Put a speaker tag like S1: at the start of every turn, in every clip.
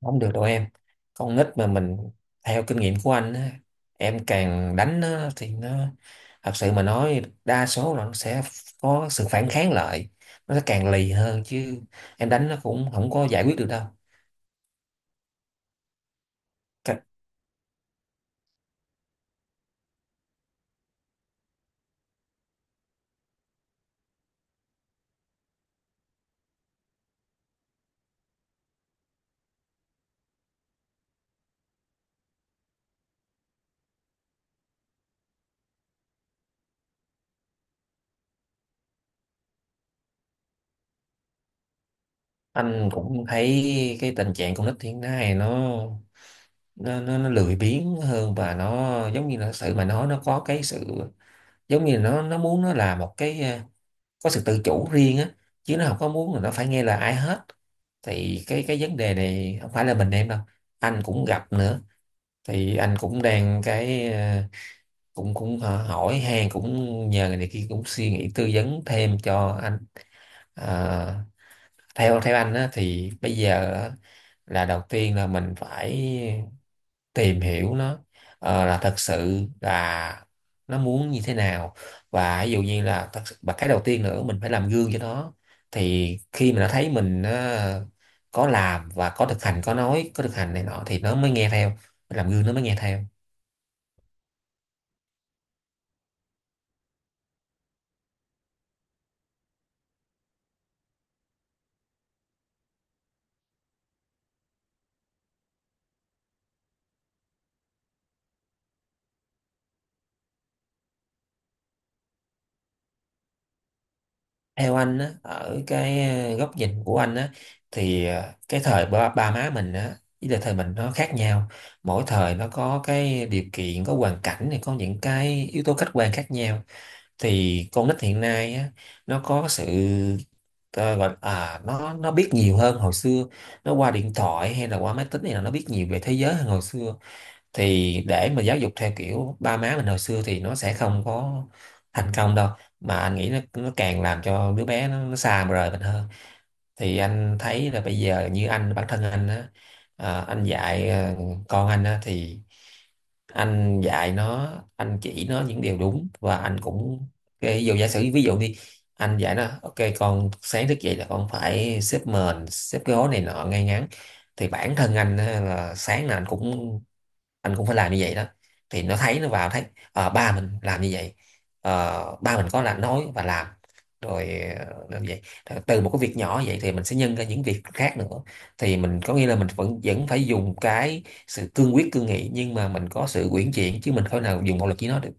S1: Không được đâu em. Con nít mà mình, theo kinh nghiệm của anh á, em càng đánh nó thì nó, thật sự mà nói đa số là nó sẽ có sự phản kháng lại, nó sẽ càng lì hơn chứ. Em đánh nó cũng không có giải quyết được đâu. Các- anh cũng thấy cái tình trạng con nít hiện nay nó, nó lười biếng hơn, và nó giống như là sự mà nói nó có cái sự giống như là nó muốn nó làm một cái có sự tự chủ riêng á, chứ nó không có muốn là nó phải nghe lời ai hết. Thì cái vấn đề này không phải là mình em đâu, anh cũng gặp nữa. Thì anh cũng đang cũng cũng ờ, hỏi han, cũng nhờ người này kia, cũng suy nghĩ tư vấn thêm cho anh. Ờ, theo theo anh á, thì bây giờ á, là đầu tiên là mình phải tìm hiểu nó, là thật sự là nó muốn như thế nào. Và ví dụ như là thật sự, và cái đầu tiên nữa, mình phải làm gương cho nó. Thì khi mà nó thấy mình có làm và có thực hành, có nói có thực hành này nọ thì nó mới nghe theo. Phải làm gương nó mới nghe theo. Theo anh á, ở cái góc nhìn của anh á, thì cái thời ba má mình á với lại thời mình nó khác nhau. Mỗi thời nó có cái điều kiện, có hoàn cảnh này, có những cái yếu tố khách quan khác nhau. Thì con nít hiện nay á, nó có sự ờ, gọi à nó biết nhiều hơn hồi xưa. Nó qua điện thoại hay là qua máy tính này là nó biết nhiều về thế giới hơn hồi xưa. Thì để mà giáo dục theo kiểu ba má mình hồi xưa thì nó sẽ không có thành công đâu, mà anh nghĩ nó càng làm cho đứa bé nó xa rời mình hơn. Thì anh thấy là bây giờ như anh, bản thân anh á, anh dạy con anh á thì anh dạy nó, anh chỉ nó những điều đúng, và anh cũng cái ví dụ giả sử ví dụ đi, anh dạy nó ok con sáng thức dậy là con phải xếp mền xếp cái gối này nọ ngay ngắn, thì bản thân anh á, là sáng nào anh cũng phải làm như vậy đó. Thì nó thấy nó vào thấy ba mình làm như vậy. Ba mình có là nói và làm. Rồi làm vậy. Rồi từ một cái việc nhỏ vậy thì mình sẽ nhân ra những việc khác nữa. Thì mình có nghĩa là mình vẫn vẫn phải dùng cái sự cương quyết cương nghị, nhưng mà mình có sự uyển chuyển, chứ mình không thể nào dùng bạo lực với nó được.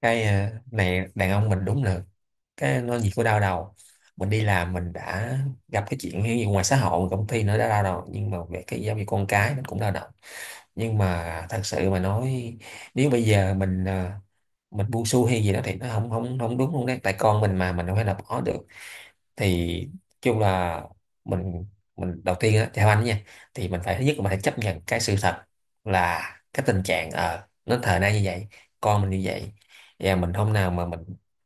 S1: Cái này đàn ông mình đúng là cái nó gì của đau đầu. Mình đi làm mình đã gặp cái chuyện như ngoài xã hội công ty nữa đã đau đầu, nhưng mà về cái giáo dục con cái nó cũng đau đầu. Nhưng mà thật sự mà nói, nếu bây giờ mình mình buông xuôi hay gì đó thì nó không không không đúng luôn đấy, tại con mình mà mình đâu phải là bỏ được. Thì chung là mình mình đầu tiên á theo anh nha, thì mình phải thứ nhất là mình phải chấp nhận cái sự thật, là cái tình trạng ờ nó thời nay như vậy, con mình như vậy. Và mình hôm nào mà mình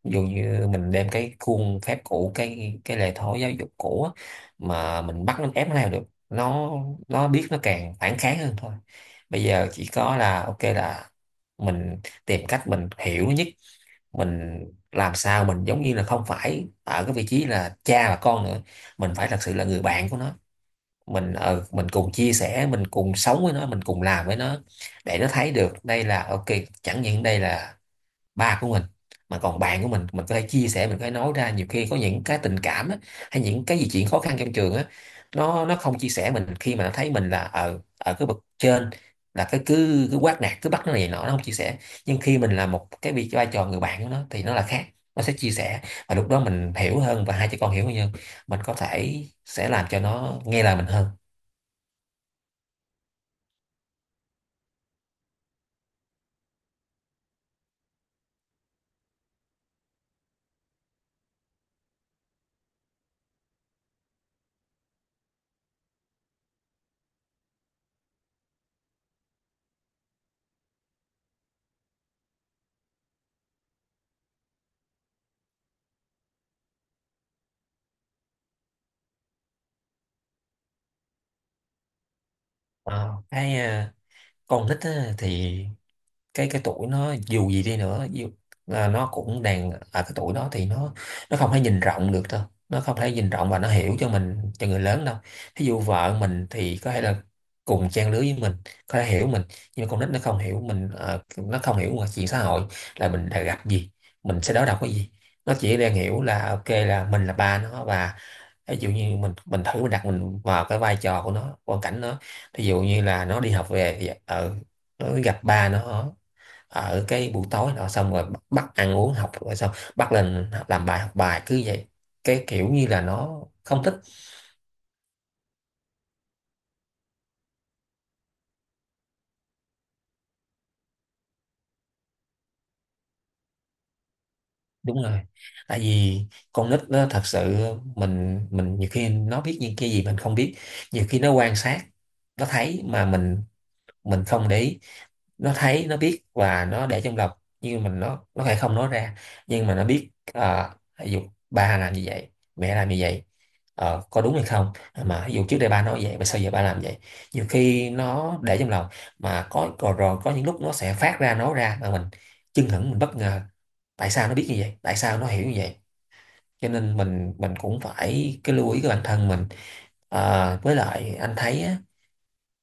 S1: ví dụ như mình đem cái khuôn phép cũ, cái lề thói giáo dục cũ á, mà mình bắt nó ép nó theo được, nó nó biết nó càng phản kháng hơn thôi. Bây giờ chỉ có là ok là mình tìm cách mình hiểu nó nhất, mình làm sao mình giống như là không phải ở cái vị trí là cha và con nữa, mình phải thật sự là người bạn của nó. Mình mình cùng chia sẻ, mình cùng sống với nó, mình cùng làm với nó, để nó thấy được đây là ok, chẳng những đây là ba của mình mà còn bạn của mình có thể chia sẻ, mình có thể nói ra nhiều khi có những cái tình cảm á, hay những cái gì chuyện khó khăn trong trường á. Nó không chia sẻ mình khi mà nó thấy mình là ở ở cái bậc trên, là cái cứ cứ quát nạt, cứ bắt nó này nọ, nó không chia sẻ. Nhưng khi mình là một cái vị vai trò người bạn của nó thì nó là khác, nó sẽ chia sẻ. Và lúc đó mình hiểu hơn, và hai chị con hiểu hơn, mình có thể sẽ làm cho nó nghe lời mình hơn. Ờ, cái ờ, con nít á, thì cái tuổi nó dù gì đi nữa là nó cũng đang ở cái tuổi đó thì nó không thể nhìn rộng được đâu. Nó không thể nhìn rộng, và nó hiểu cho mình cho người lớn đâu. Ví dụ vợ mình thì có thể là cùng trang lứa với mình, có thể hiểu mình, nhưng mà con nít nó không hiểu mình. Ờ, nó không hiểu ngoài chuyện xã hội là mình đã gặp gì, mình sẽ đối đầu cái gì. Nó chỉ đang hiểu là ok là mình là ba nó, và ví dụ như mình thử mình đặt mình vào cái vai trò của nó, hoàn cảnh nó. Ví dụ như là nó đi học về thì ở, nó gặp ba nó ở cái buổi tối nọ, xong rồi bắt ăn uống, học rồi xong bắt lên làm bài học bài cứ vậy, cái kiểu như là nó không thích. Đúng rồi, tại vì con nít nó thật sự, mình nhiều khi nó biết những cái gì mình không biết. Nhiều khi nó quan sát, nó thấy mà mình không để ý. Nó thấy nó biết và nó để trong lòng, nhưng mình nó lại không nói ra. Nhưng mà nó biết ví dụ ba làm như vậy, mẹ làm như vậy, có đúng hay không, mà ví dụ trước đây ba nói vậy mà sao giờ ba làm vậy. Nhiều khi nó để trong lòng, mà có rồi có những lúc nó sẽ phát ra nói ra, mà mình chưng hửng mình bất ngờ, tại sao nó biết như vậy, tại sao nó hiểu như vậy. Cho nên mình cũng phải cái lưu ý cái bản thân mình. Ờ, với lại anh thấy á,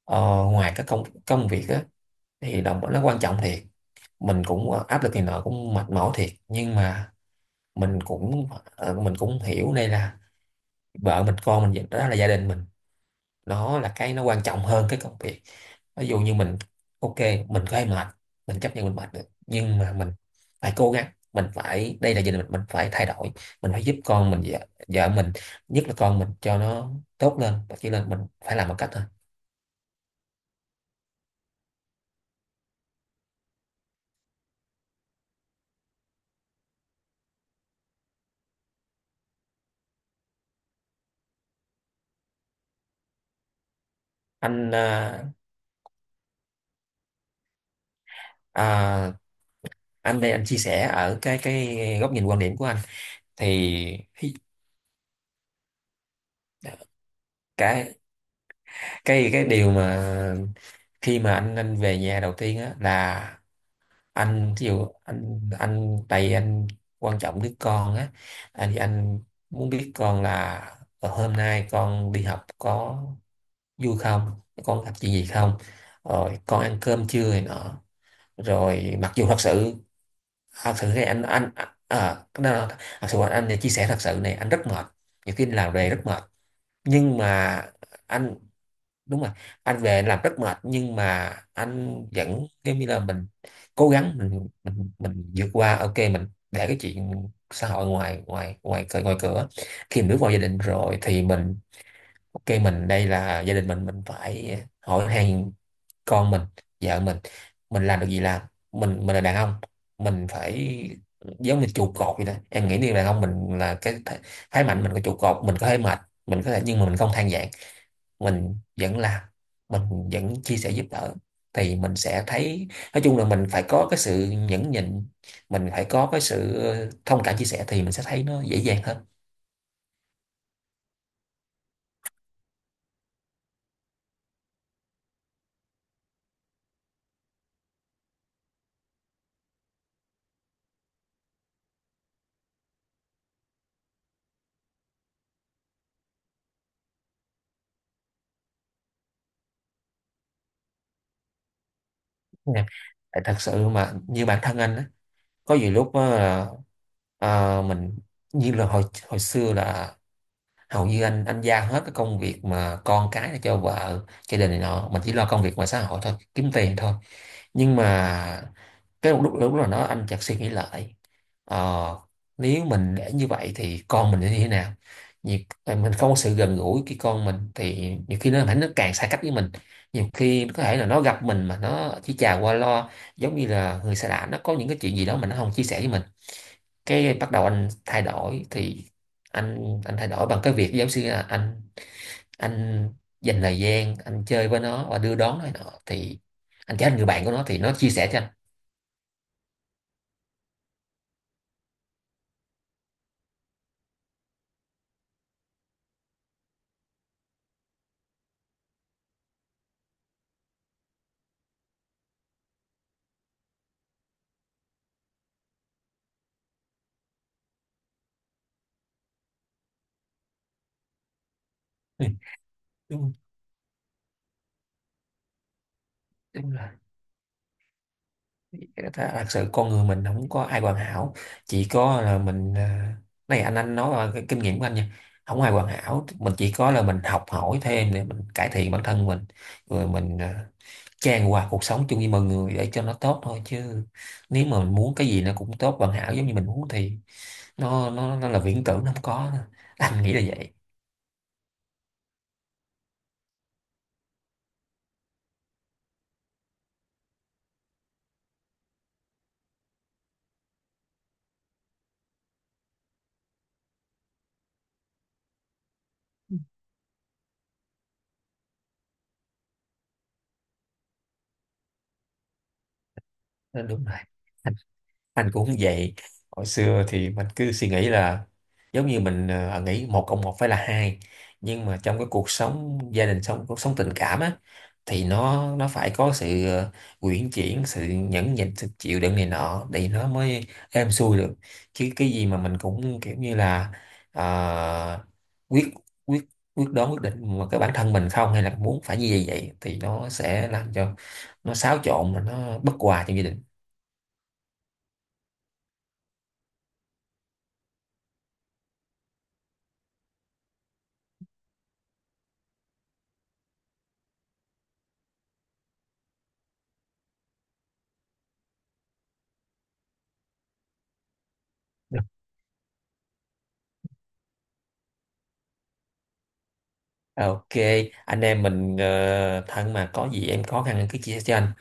S1: ờ, ngoài các công công việc á, thì đồng nó quan trọng thiệt. Mình cũng áp lực này nọ cũng mệt mỏi thiệt, nhưng mà mình cũng mình cũng hiểu đây là vợ mình con mình, đó là gia đình mình, nó là cái nó quan trọng hơn cái công việc. Ví dụ như mình ok, mình có hay mệt, mình chấp nhận mình mệt được, nhưng mà mình phải cố gắng. Mình phải đây là gia đình mình phải thay đổi, mình phải giúp con mình, vợ mình, nhất là con mình, cho nó tốt lên và chỉ lên, mình phải làm một cách thôi. Anh à, anh đây anh chia sẻ ở cái góc nhìn quan điểm của anh, thì cái cái cái điều mà khi mà anh về nhà đầu tiên á là anh ví dụ anh tại vì anh quan trọng đứa con á, anh thì anh muốn biết con là hôm nay con đi học có vui không, con gặp chuyện gì không, rồi con ăn cơm chưa này nọ. Rồi mặc dù thật sự, à, thật sự này cái đó là- thật sự anh chia sẻ thật sự này anh rất mệt. Nhiều khi làm về rất mệt, nhưng mà anh, đúng rồi, anh về làm rất mệt, nhưng mà anh vẫn giống như là mình cố gắng, mình vượt qua ok, mình để cái chuyện xã hội ngoài ngoài cửa. Khi mình bước vào gia đình rồi thì mình ok, mình đây là gia đình mình phải hỏi hàng con mình, vợ mình. Mình làm được gì làm, mình là đàn ông, mình phải giống như trụ cột vậy đó. Em nghĩ như đàn ông mình là cái phái mạnh, mình có trụ cột, mình có thể mệt, mình có thể, nhưng mà mình không than vãn. Mình vẫn làm, mình vẫn chia sẻ giúp đỡ, thì mình sẽ thấy. Nói chung là mình phải có cái sự nhẫn nhịn, mình phải có cái sự thông cảm chia sẻ, thì mình sẽ thấy nó dễ dàng hơn. Nè, tại thật sự mà như bản thân anh á, có nhiều lúc á là mình như là hồi hồi xưa là hầu như anh giao hết cái công việc mà con cái cho vợ, gia đình này nọ, mình chỉ lo công việc ngoài xã hội thôi, kiếm tiền thôi. Nhưng mà cái lúc lúc là nó anh chợt suy nghĩ lại, ờ, nếu mình để như vậy thì con mình sẽ như thế nào. nhiều, mình không có sự gần gũi cái con mình thì nhiều khi nó càng xa cách với mình. Nhiều khi có thể là nó gặp mình mà nó chỉ chào qua loa, giống như là người xa lạ, nó có những cái chuyện gì đó mà nó không chia sẻ với mình. Cái bắt đầu anh thay đổi thì anh thay đổi bằng cái việc giáo sư là anh dành thời gian anh chơi với nó và đưa đón nó nọ, thì anh trở thành người bạn của nó thì nó chia sẻ cho anh. Ừ, đúng, đúng là thật sự con người mình không có ai hoàn hảo, chỉ có là mình này anh nói là cái kinh nghiệm của anh nha, không ai hoàn hảo, mình chỉ có là mình học hỏi thêm để mình cải thiện bản thân mình. Rồi mình trang hòa cuộc sống chung với mọi người để cho nó tốt thôi. Chứ nếu mà mình muốn cái gì nó cũng tốt hoàn hảo giống như mình muốn, thì nó là viễn tưởng, nó không có. Anh nghĩ là vậy. Nó đúng rồi, anh cũng vậy. Hồi xưa thì mình cứ suy nghĩ là giống như mình nghĩ một cộng một phải là hai. Nhưng mà trong cái cuộc sống gia đình, sống cuộc sống tình cảm á, thì nó phải có sự uyển chuyển, sự nhẫn nhịn, sự chịu đựng này nọ để nó mới êm xuôi được. Chứ cái gì mà mình cũng kiểu như là ờ, quyết quyết quyết đoán, quyết định, mà cái bản thân mình không hay là muốn phải như vậy vậy, thì nó sẽ làm cho nó xáo trộn, mà nó bất hòa trong gia đình. Ok, anh em mình thân mà có gì em khó khăn em cứ chia sẻ cho anh.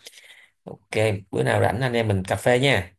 S1: Ok, bữa nào rảnh anh em mình cà phê nha.